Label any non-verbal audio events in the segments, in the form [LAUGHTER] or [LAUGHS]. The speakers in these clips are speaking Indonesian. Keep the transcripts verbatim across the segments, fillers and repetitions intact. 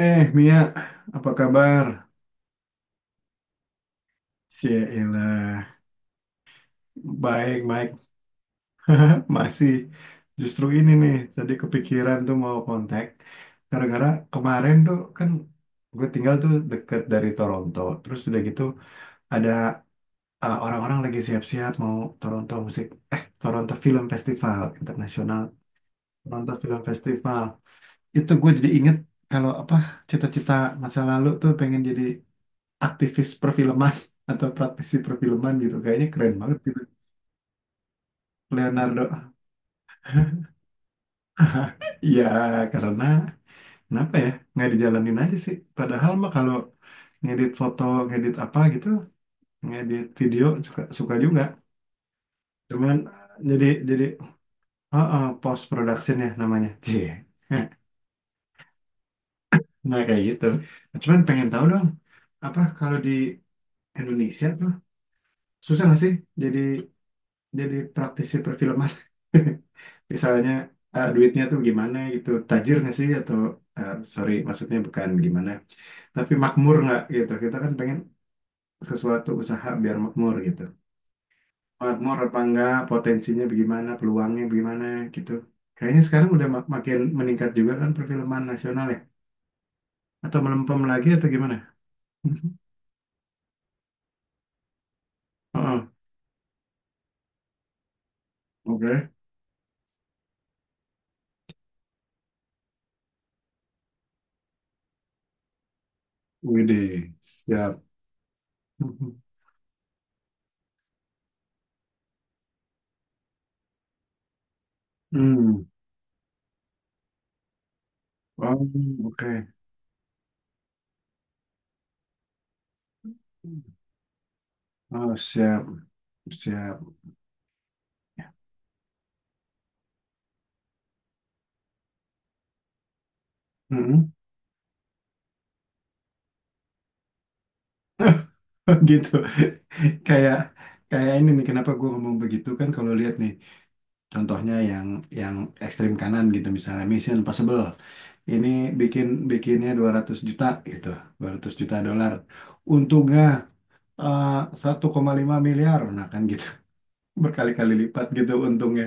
Eh, Mia, apa kabar? Cielah, baik-baik. Masih justru ini nih, tadi kepikiran tuh mau kontak. Gara-gara kemarin tuh kan gue tinggal tuh deket dari Toronto. Terus udah gitu ada eh, orang-orang lagi siap-siap mau Toronto Musik, eh Toronto Film Festival Internasional. Toronto Film Festival. Itu gue jadi inget kalau apa cita-cita masa lalu tuh pengen jadi aktivis perfilman [LAUGHS] atau praktisi perfilman gitu, kayaknya keren banget gitu. Leonardo. [LAUGHS] Ya, karena kenapa ya nggak dijalanin aja sih, padahal mah kalau ngedit foto, ngedit apa gitu, ngedit video suka suka juga. Cuman jadi jadi oh, oh, post production ya namanya, Cie. [LAUGHS] Nah kayak gitu, cuman pengen tahu dong, apa kalau di Indonesia tuh susah nggak sih jadi jadi praktisi perfilman. [LAUGHS] Misalnya eh, duitnya tuh gimana gitu, tajir nggak sih, atau eh, sorry maksudnya bukan gimana, tapi makmur nggak gitu. Kita kan pengen sesuatu usaha biar makmur gitu, makmur apa enggak, potensinya bagaimana, peluangnya bagaimana gitu. Kayaknya sekarang udah mak- makin meningkat juga kan perfilman nasional ya, atau melempem lagi atau gimana. [LAUGHS] Heeh, oke. Widi, siap. [LAUGHS] Hmm. Oh, oke. Oh, siap, siap. Hmm. Oh, gitu. [LAUGHS] kayak kayak ini nih kenapa gue ngomong begitu kan, kalau lihat nih contohnya yang yang ekstrim kanan gitu, misalnya Mission Impossible ini, bikin bikinnya dua ratus juta gitu, dua ratus juta dolar, untungnya eh, satu koma lima miliar. Nah kan gitu, [LAUGHS] berkali-kali lipat gitu untungnya.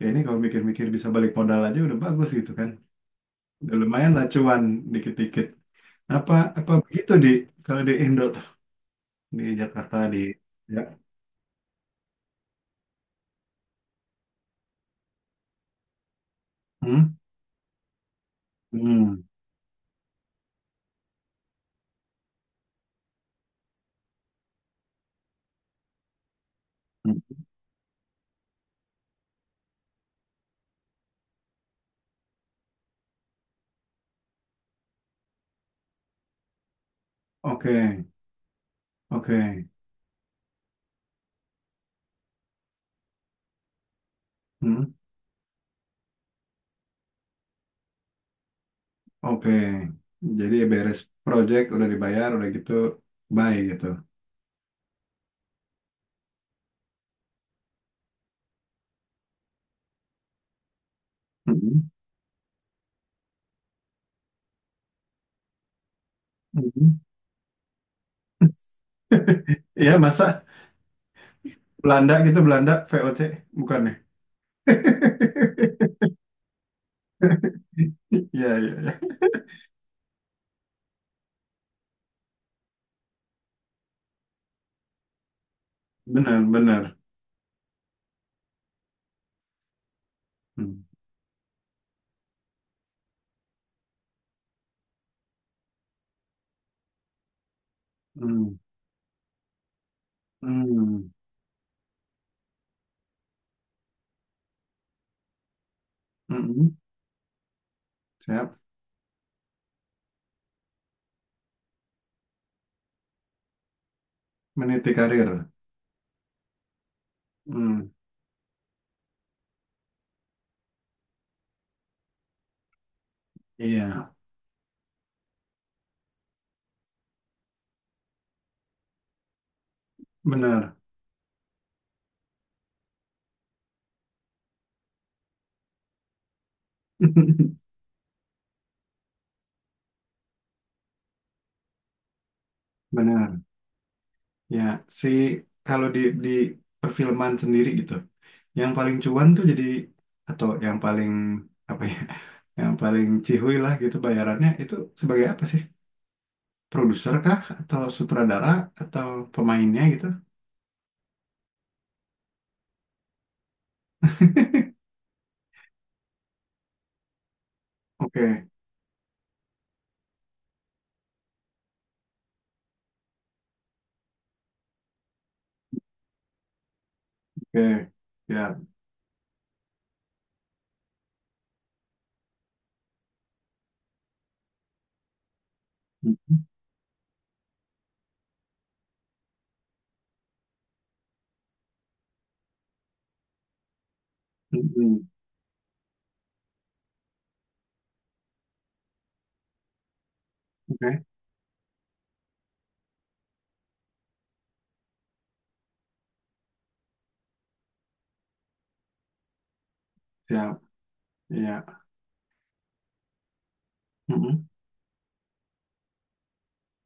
Ya ini kalau mikir-mikir bisa balik modal aja udah bagus gitu kan, udah lumayan lah cuan dikit-dikit apa apa begitu. Di kalau di Indo tuh, di Jakarta di, ya. Hmm? Hmm, hmm. Oke, oke, hmm, oke. Jadi beres project udah dibayar udah gitu, bye gitu. Hmm, hmm. [LAUGHS] Iya masa Belanda gitu, Belanda V O C bukannya? [LAUGHS] Iya, iya, iya. Benar, benar. Hmm, hmm, hmm, hmm. Siap. Meniti karir. Hmm, iya benar. [LAUGHS] Benar. Ya, si kalau di di perfilman sendiri gitu, yang paling cuan tuh jadi, atau yang paling apa ya, [LAUGHS] yang paling cihuy lah gitu bayarannya itu, sebagai apa sih? Produser kah, atau sutradara, atau pemainnya gitu? [LAUGHS] Oke, oke, ya, mm-hmm, mm-hmm, oke, ya, ya. Mm-mm.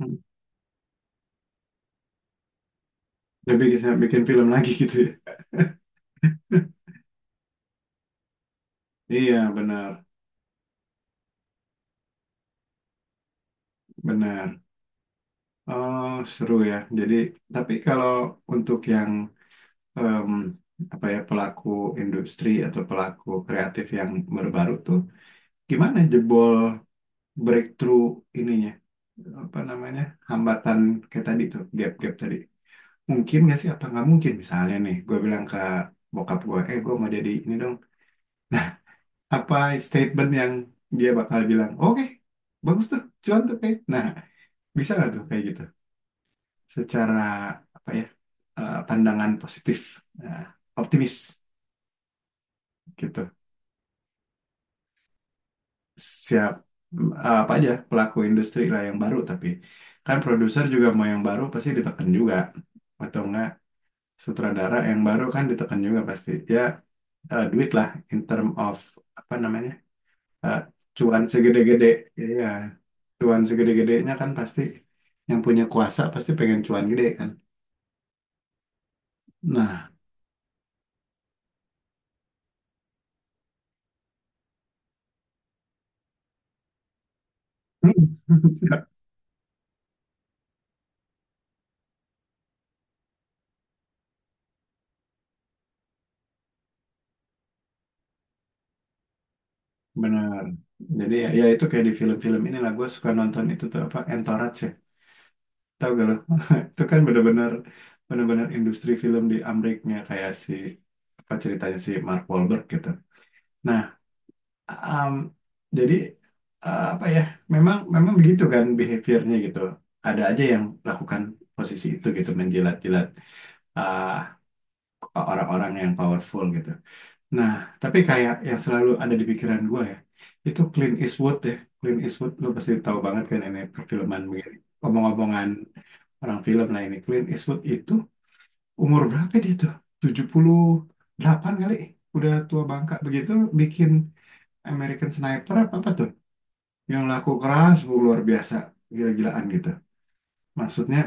Mm. Jadi bisa bikin film lagi gitu ya? [LAUGHS] Iya, benar, benar. Oh, seru ya. Jadi, tapi kalau untuk yang em, apa ya, pelaku industri atau pelaku kreatif yang baru-baru tuh, gimana jebol, breakthrough ininya? Apa namanya? Hambatan kayak tadi tuh, gap-gap tadi. Mungkin nggak sih? Apa nggak mungkin? Misalnya nih, gue bilang ke bokap gue, eh gue mau jadi ini dong. Nah, [LAUGHS] apa statement yang dia bakal bilang, oke, bagus tuh, cuan tuh kayak. Nah, bisa nggak tuh kayak gitu? Secara apa ya? Eh, pandangan positif, nah, optimis gitu. Siap. Eh, apa aja pelaku industri lah yang baru, tapi kan produser juga mau yang baru pasti ditekan juga atau enggak, sutradara yang baru kan ditekan juga pasti ya, eh, duit lah, in term of apa namanya, eh, cuan segede-gede ya, cuan segede-gedenya kan pasti yang punya kuasa pasti pengen cuan gede kan. Nah. [LAUGHS] Benar. Jadi ya, ya itu kayak di film-film inilah gue suka nonton itu tuh, apa, Entourage ya. Tahu gak lo? [LAUGHS] Itu kan bener-bener bener-bener industri film di Ameriknya, kayak si apa ceritanya si Mark Wahlberg gitu. Nah, um, jadi uh, apa ya? Memang memang begitu kan behaviornya gitu. Ada aja yang lakukan posisi itu gitu, menjilat-jilat uh, orang-orang yang powerful gitu. Nah, tapi kayak yang selalu ada di pikiran gue ya, itu Clint Eastwood ya. Clint Eastwood, lo pasti tahu banget kan ini perfilman begini. Omong-omongan orang film, nah ini Clint Eastwood itu umur berapa dia tuh? Tujuh puluh delapan kali? Udah tua bangka begitu bikin American Sniper apa, apa tuh? Yang laku keras, bu, luar biasa, gila-gilaan gitu. Maksudnya,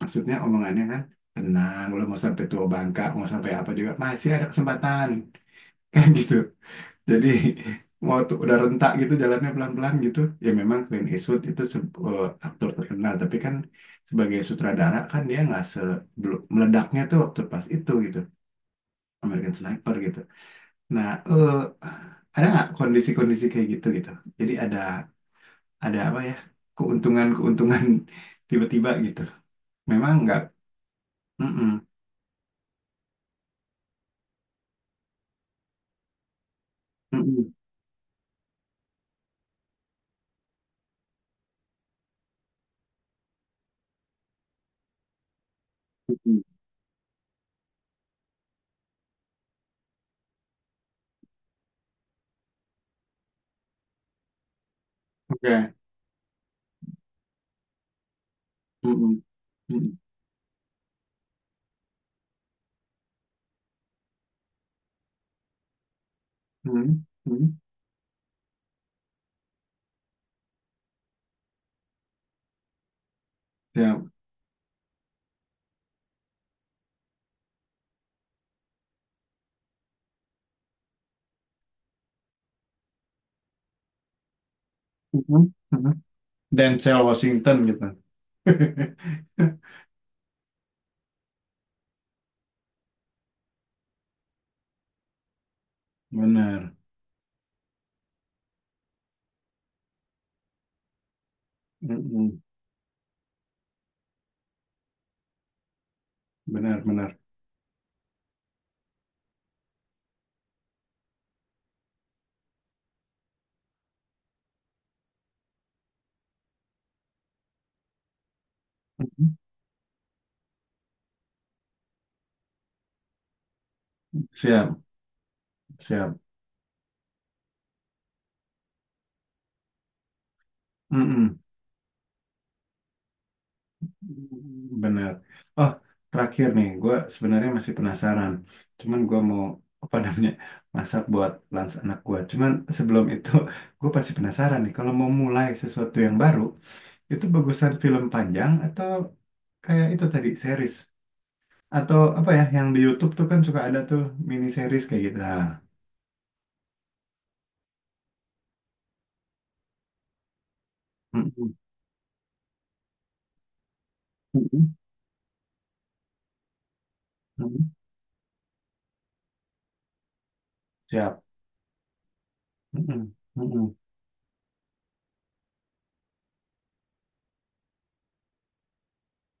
maksudnya omongannya kan, tenang, lo mau sampai tua bangka, mau sampai apa juga, masih ada kesempatan. [LAUGHS] Kan gitu. Jadi [LAUGHS] mau tuh udah rentak gitu jalannya pelan-pelan gitu. Ya memang Clint Eastwood itu se- eh, aktor terkenal, tapi kan sebagai sutradara kan dia nggak se belum- meledaknya tuh waktu pas itu gitu, American Sniper gitu. Nah, eh ada nggak kondisi-kondisi kayak gitu gitu? Jadi ada ada apa ya, keuntungan-keuntungan [LAUGHS] tiba-tiba gitu. Memang nggak. Mm-mm. Mm-mm. Mm-mm. Oke. Mm-mm. Mm-mm. Mm-mm. Mm-mm. Ya. Mm-mm. Mm-mm. Denzel Washington gitu. [LAUGHS] Benar. Mm-mm. Benar, benar. Siap, siap. Mm-mm. Benar. Oh, terakhir nih, gue sebenarnya masih penasaran. Cuman gue mau, apa namanya, masak buat lunch anak gue. Cuman sebelum itu, [LAUGHS] gue pasti penasaran nih. Kalau mau mulai sesuatu yang baru, itu bagusan film panjang atau kayak itu tadi series, atau apa ya yang di YouTube tuh kan suka ada tuh mini series kayak gitu. Nah. Mhm, mhm. Siap. Mhm, mhm,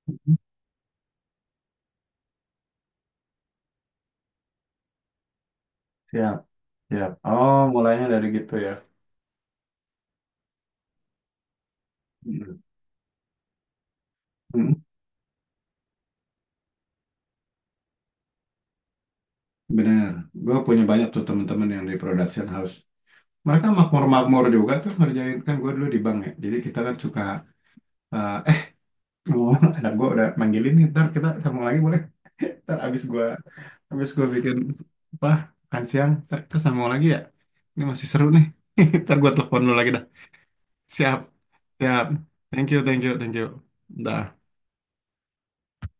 mhm. Siap, siap. Oh, mulainya dari gitu ya. Mhm, mhm. Bener. Gue punya banyak tuh teman-teman yang di production house. Mereka makmur-makmur juga tuh ngerjain. Kan gue dulu di bank ya. Jadi kita kan suka, eh eh, [LAUGHS] ngomong, anak gue udah manggilin nih. Ntar kita sambung lagi boleh? [LAUGHS] Ntar abis gue abis gue bikin apa, makan siang. Ntar kita sambung lagi ya. Ini masih seru nih. [LAUGHS] Ntar gue telepon dulu lagi dah. Siap, siap. Thank you, thank you, thank you. Dah.